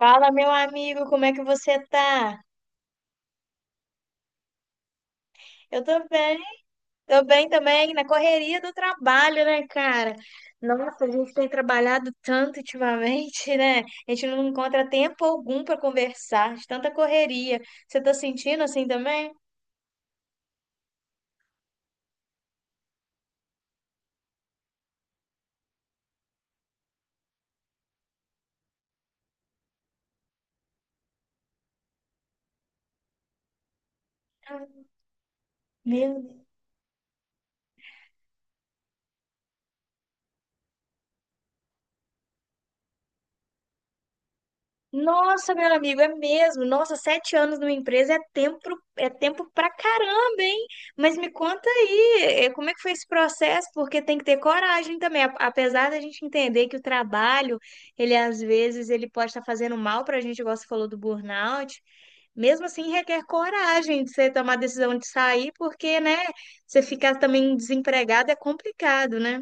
Fala, meu amigo, como é que você tá? Eu tô bem também, na correria do trabalho, né, cara? Nossa, a gente tem trabalhado tanto ultimamente, né? A gente não encontra tempo algum pra conversar, de tanta correria. Você tá sentindo assim também? Meu Nossa, meu amigo, é mesmo. Nossa, 7 anos numa empresa é tempo pra caramba, hein? Mas me conta aí, como é que foi esse processo? Porque tem que ter coragem também. Apesar da gente entender que o trabalho, ele às vezes ele pode estar fazendo mal pra gente, igual você falou do burnout. Mesmo assim, requer coragem de você tomar a decisão de sair, porque, né, você ficar também desempregado é complicado, né?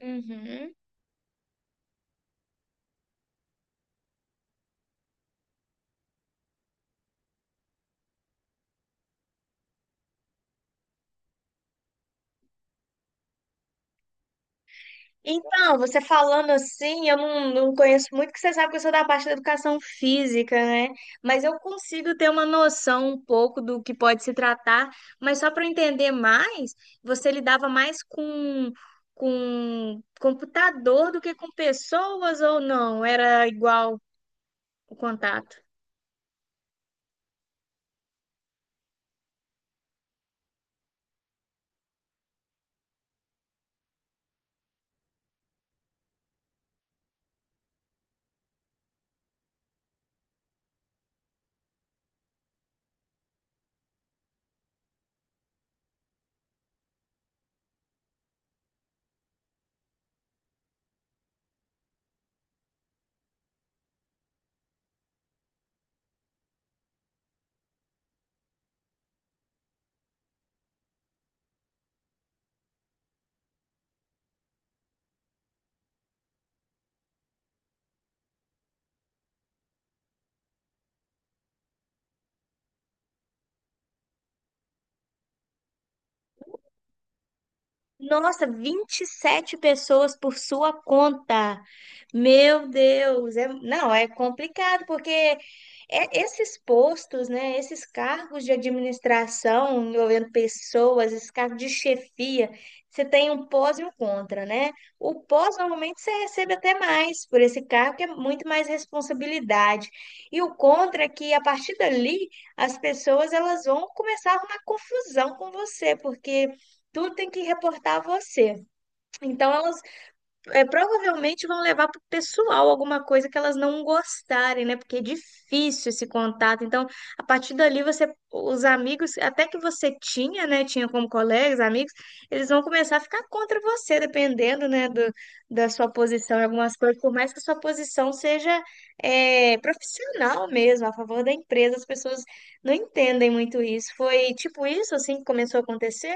Uhum. Então, você falando assim, eu não conheço muito, porque você sabe que eu sou da parte da educação física, né? Mas eu consigo ter uma noção um pouco do que pode se tratar, mas só para entender mais, você lidava mais com computador do que com pessoas ou não? Era igual o contato? Nossa, 27 pessoas por sua conta. Meu Deus, não, é complicado porque esses postos, né, esses cargos de administração envolvendo pessoas, esses cargos de chefia, você tem um pós e um contra, né? O pós normalmente você recebe até mais por esse cargo, que é muito mais responsabilidade. E o contra é que a partir dali as pessoas elas vão começar a arrumar confusão com você, porque tudo tem que reportar a você. Então, elas provavelmente vão levar para o pessoal alguma coisa que elas não gostarem, né? Porque é difícil esse contato. Então, a partir dali, você, os amigos, até que você tinha, né? Tinha como colegas, amigos, eles vão começar a ficar contra você, dependendo, né? Da sua posição em algumas coisas, por mais que a sua posição seja profissional mesmo, a favor da empresa, as pessoas não entendem muito isso. Foi tipo isso, assim, que começou a acontecer?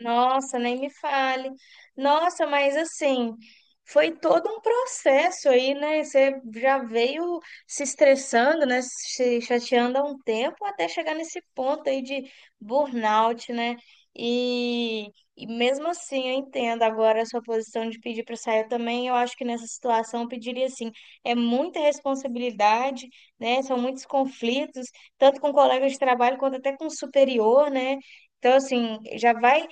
Nossa, nem me fale. Nossa, mas assim, foi todo um processo aí, né? Você já veio se estressando, né? Se chateando há um tempo até chegar nesse ponto aí de burnout, né? E, e mesmo assim, eu entendo agora a sua posição de pedir para sair. Eu também, eu acho que nessa situação eu pediria assim, é muita responsabilidade, né? São muitos conflitos, tanto com colegas de trabalho quanto até com o superior, né? Então, assim, já vai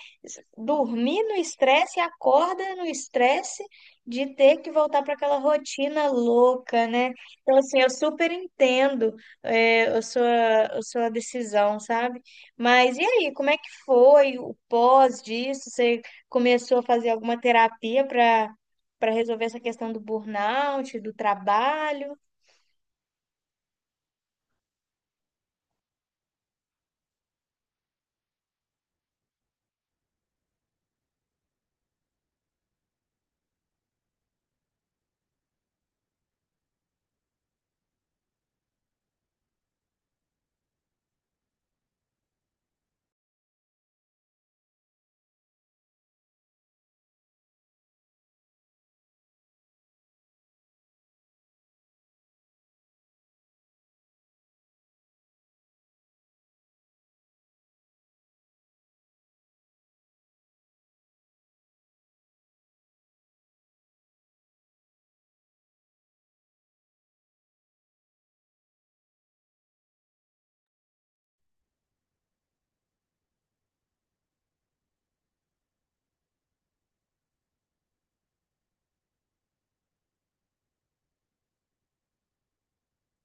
dormir no estresse e acorda no estresse de ter que voltar para aquela rotina louca, né? Então, assim, eu super entendo a sua decisão, sabe? Mas e aí, como é que foi o pós disso? Você começou a fazer alguma terapia para resolver essa questão do burnout, do trabalho?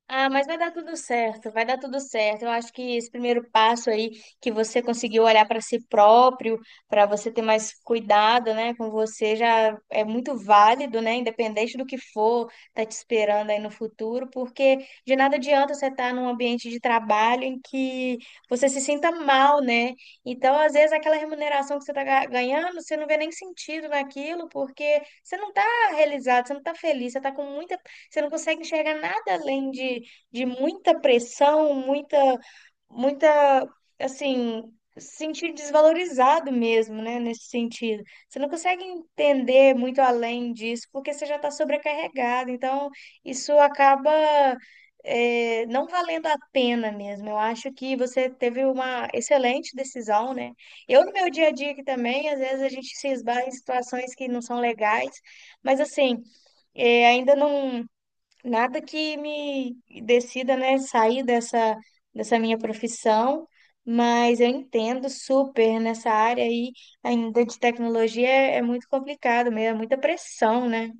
Ah, mas vai dar tudo certo, vai dar tudo certo. Eu acho que esse primeiro passo aí, que você conseguiu olhar para si próprio, para você ter mais cuidado, né, com você, já é muito válido, né, independente do que for, tá te esperando aí no futuro, porque de nada adianta você estar num ambiente de trabalho em que você se sinta mal, né? Então, às vezes, aquela remuneração que você tá ganhando, você não vê nem sentido naquilo, porque você não tá realizado, você não tá feliz, você tá com muita, você não consegue enxergar nada além de muita pressão, muita, muita, assim, se sentir desvalorizado mesmo, né, nesse sentido. Você não consegue entender muito além disso, porque você já está sobrecarregado. Então, isso acaba não valendo a pena mesmo. Eu acho que você teve uma excelente decisão, né? Eu, no meu dia a dia aqui também, às vezes a gente se esbarra em situações que não são legais, mas assim, ainda não nada que me decida, né, sair dessa minha profissão, mas eu entendo super nessa área aí, ainda de tecnologia, é muito complicado mesmo, é muita pressão, né?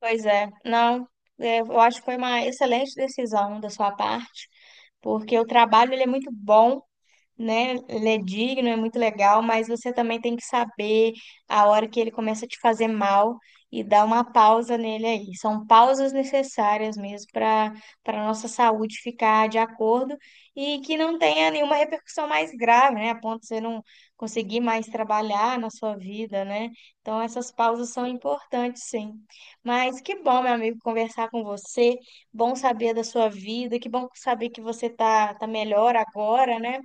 Pois é, não, eu acho que foi uma excelente decisão da sua parte, porque o trabalho ele é muito bom, né? Ele é digno, é muito legal, mas você também tem que saber a hora que ele começa a te fazer mal e dar uma pausa nele aí. São pausas necessárias mesmo para nossa saúde ficar de acordo e que não tenha nenhuma repercussão mais grave, né? A ponto de você não conseguir mais trabalhar na sua vida, né? Então essas pausas são importantes, sim. Mas que bom, meu amigo, conversar com você, bom saber da sua vida, que bom saber que você tá melhor agora, né?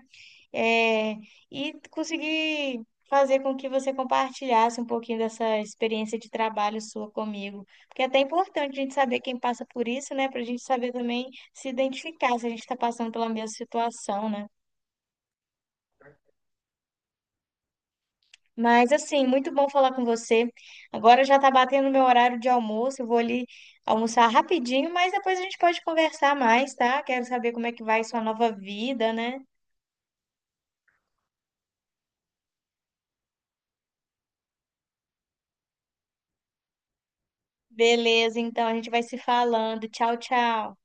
é, e conseguir fazer com que você compartilhasse um pouquinho dessa experiência de trabalho sua comigo. Porque é até importante a gente saber quem passa por isso, né? Para a gente saber também se identificar se a gente está passando pela mesma situação, né? Mas assim, muito bom falar com você. Agora já está batendo meu horário de almoço, eu vou ali almoçar rapidinho, mas depois a gente pode conversar mais, tá? Quero saber como é que vai sua nova vida, né? Beleza, então a gente vai se falando. Tchau, tchau.